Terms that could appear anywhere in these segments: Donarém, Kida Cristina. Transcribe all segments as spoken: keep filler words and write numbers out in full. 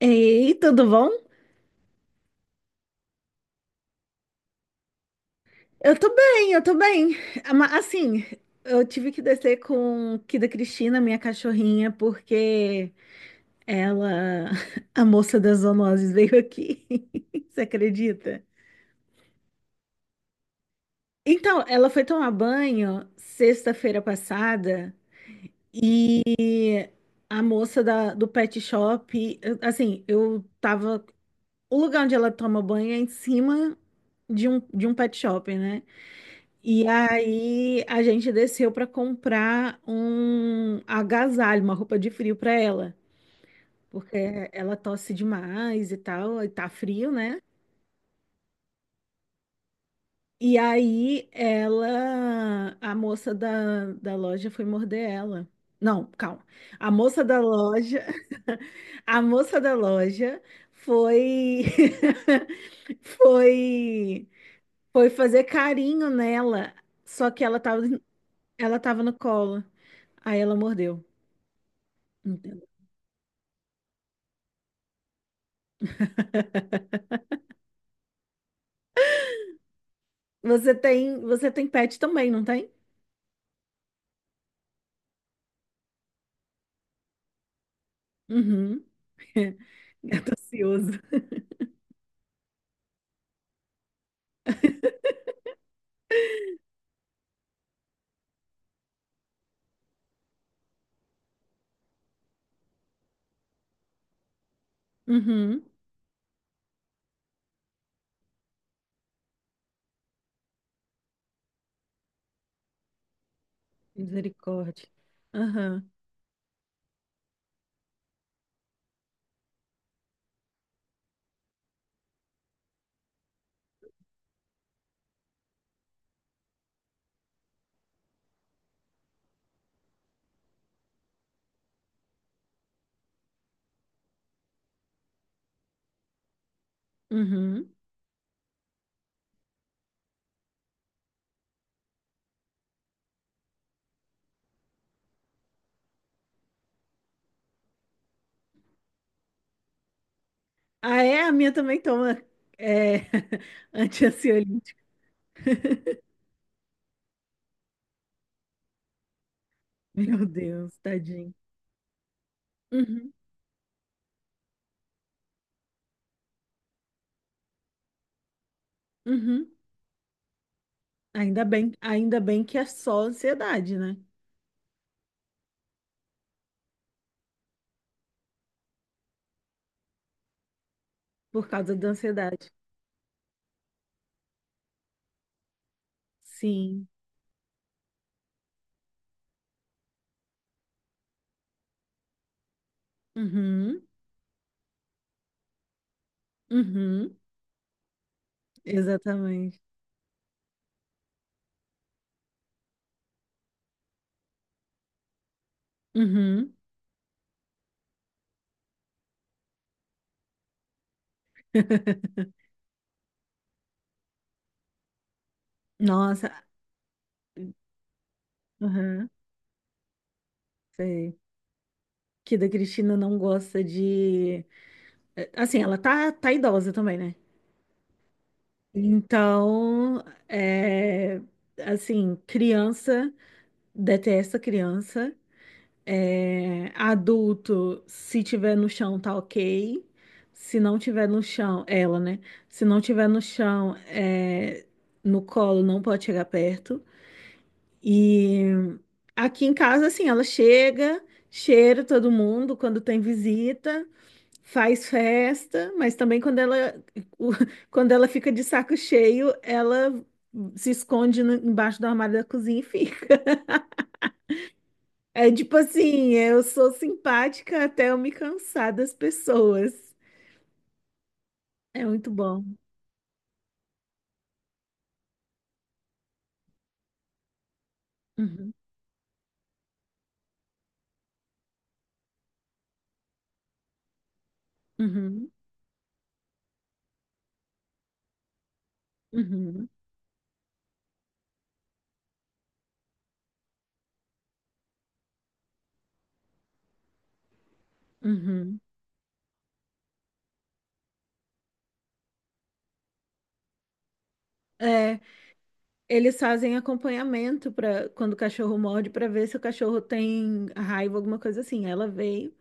Ei, tudo bom? Eu tô bem, eu tô bem. Ama- Assim, eu tive que descer com Kida Cristina, minha cachorrinha, porque ela, a moça das zoonoses, veio aqui. Você acredita? Então, ela foi tomar banho sexta-feira passada. A moça da- do pet shop, eu- assim, eu tava. O lugar onde ela toma banho é em cima de um, de um pet shop, né? E aí a gente desceu para comprar um agasalho, uma roupa de frio para ela, porque ela tosse demais e tal, e tá frio, né? E aí ela, a moça da, da loja foi morder ela. Não, calma. A moça da loja, a moça da loja foi, foi foi fazer carinho nela, só que ela tava ela tava no colo. Aí ela mordeu. Entendo. Você tem, você tem pet também, não tem? Uhum. Gato ansioso. Uhum. Misericórdia. Aham. Uhum. Ah, é? A minha também toma, é, antiansiolítico. Meu Deus, tadinho. Uhum. Uhum. Ainda bem, ainda bem que é só ansiedade, né? Por causa da ansiedade. Sim. Uhum. Uhum. Exatamente. Uhum. Nossa, aham, sei. Que da Cristina não gosta de. é, Assim, ela tá, tá idosa também, né? Então, é, assim, criança detesta criança. É, adulto, se tiver no chão, tá ok. Se não tiver no chão, ela, né? Se não tiver no chão, é, no colo, não pode chegar perto. E aqui em casa, assim, ela chega, cheira todo mundo quando tem visita, faz festa, mas também quando ela, o- quando ela fica de saco cheio, ela se esconde no- embaixo do armário da cozinha e fica. É tipo assim, eu sou simpática até eu me cansar das pessoas. É muito bom. Uhum, uhum, uhum, uhum. É. Eles fazem acompanhamento para quando o cachorro morde, para ver se o cachorro tem raiva, alguma coisa assim. Ela veio,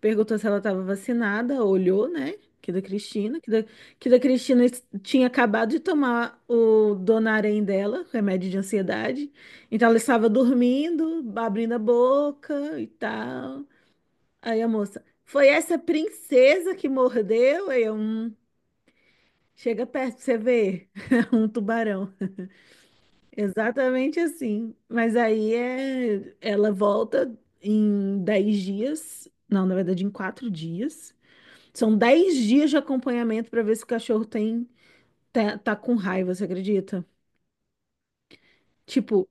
perguntou se ela estava vacinada, olhou, né? Que da Cristina, que da, que da Cristina es- tinha acabado de tomar o Donarém dela, remédio de ansiedade. Então ela estava dormindo, abrindo a boca e tal. Aí a moça, foi essa princesa que mordeu? Aí eu, "Hum, chega perto pra você ver. Um tubarão." Exatamente assim. Mas aí é, ela volta em dez dias. Não, na verdade, em quatro dias. São dez dias de acompanhamento para ver se o cachorro tem, tá, tá com raiva, você acredita? Tipo,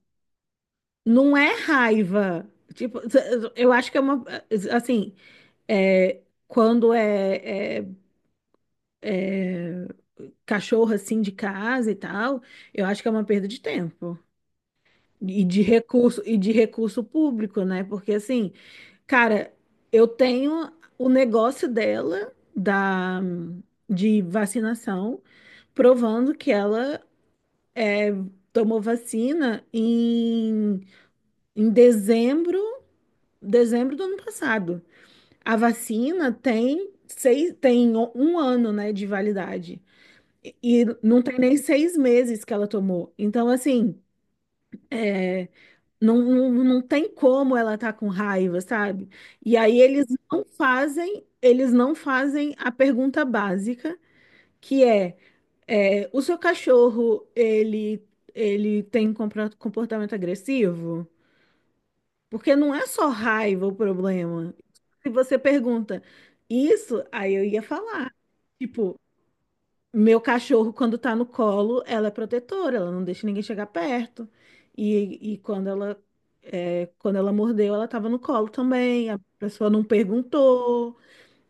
não é raiva. Tipo, eu acho que é uma. Assim, é, quando é, é cachorro assim de casa e tal, eu acho que é uma perda de tempo. E de recurso, e de recurso público, né? Porque assim. Cara, eu tenho o negócio dela da de vacinação, provando que ela tomou vacina em, em dezembro, dezembro do ano passado. A vacina tem seis, tem um um ano, né, de validade. E e não tem nem seis meses que ela tomou. Então, assim, Não, não, não tem como ela tá com raiva, sabe? E aí eles não fazem, eles não fazem a pergunta básica, que é, é, o seu cachorro, ele, ele tem compra- comportamento agressivo? Porque não é só raiva o problema. Se você pergunta isso, aí eu ia falar. Tipo, meu cachorro, quando tá no colo, ela é protetora, ela não deixa ninguém chegar perto. E, e quando ela, é, quando ela mordeu, ela tava no colo também, a pessoa não perguntou.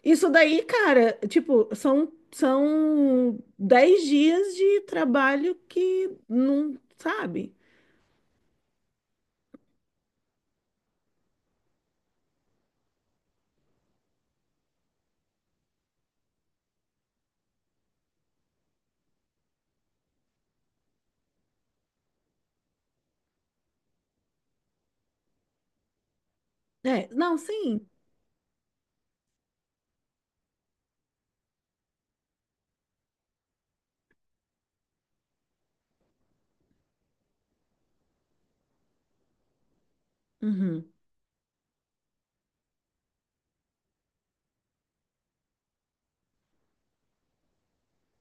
Isso daí, cara, tipo, são, são dez dias de trabalho que não sabe. É, não, sim. Uhum,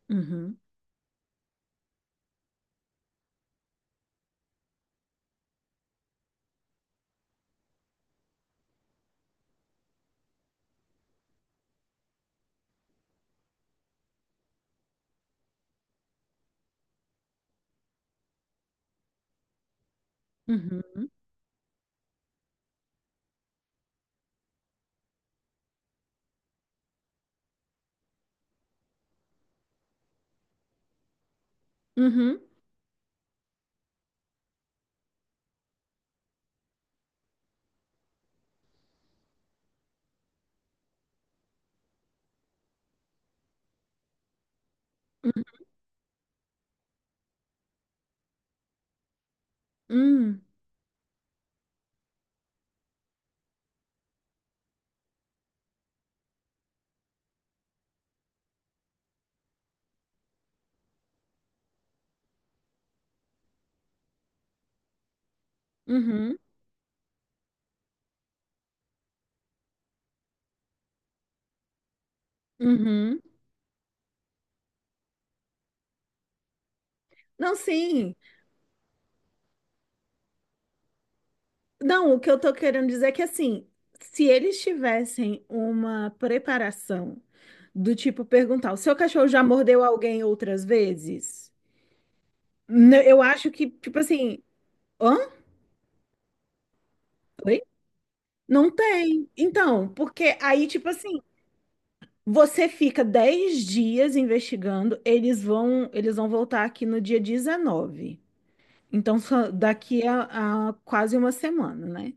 uhum, uhum, uhum, uhum, uhum, uhum, uhum. Não, sim. Não, o que eu tô querendo dizer é que assim, se eles tivessem uma preparação do tipo perguntar, o seu cachorro já mordeu alguém outras vezes? N- Eu acho que, tipo assim, hã? Oi? Não tem. Então, porque aí, tipo assim, você fica dez dias investigando, eles vão, eles vão voltar aqui no dia dezenove. Então, só daqui a, a quase uma semana, né?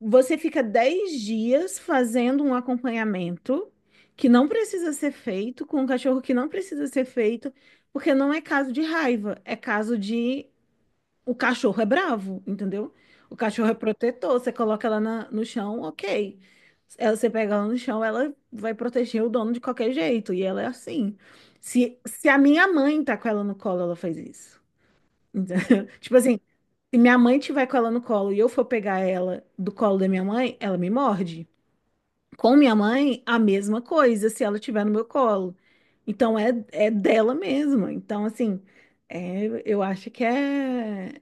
Você fica dez dias fazendo um acompanhamento que não precisa ser feito, com um cachorro que não precisa ser feito, porque não é caso de raiva, é caso de o cachorro é bravo, entendeu? O cachorro é protetor, você coloca ela na- no chão, ok. Ela, você pega ela no chão, ela vai proteger o dono de qualquer jeito, e ela é assim. Se, se a minha mãe tá com ela no colo, ela faz isso. Entendeu? Tipo assim, se minha mãe tiver com ela no colo e eu for pegar ela do colo da minha mãe, ela me morde. Com minha mãe, a mesma coisa, se ela tiver no meu colo. Então é, é dela mesma. Então, assim, é, eu acho que é.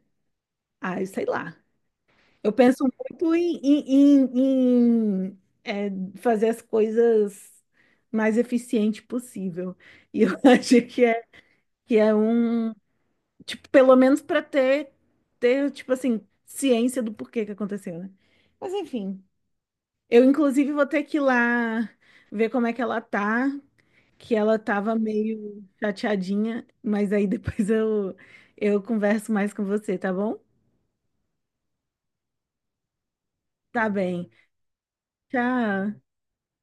Ai, sei lá. Eu penso muito em, em- em- em, é, fazer as coisas mais eficiente possível. E eu acho que é, que é um. Tipo, pelo menos pra ter, ter, tipo assim, ciência do porquê que aconteceu, né? Mas enfim, eu inclusive vou ter que ir lá ver como é que ela tá, que ela tava meio chateadinha, mas aí depois eu, eu converso mais com você, tá bom? Tá bem. Tchau.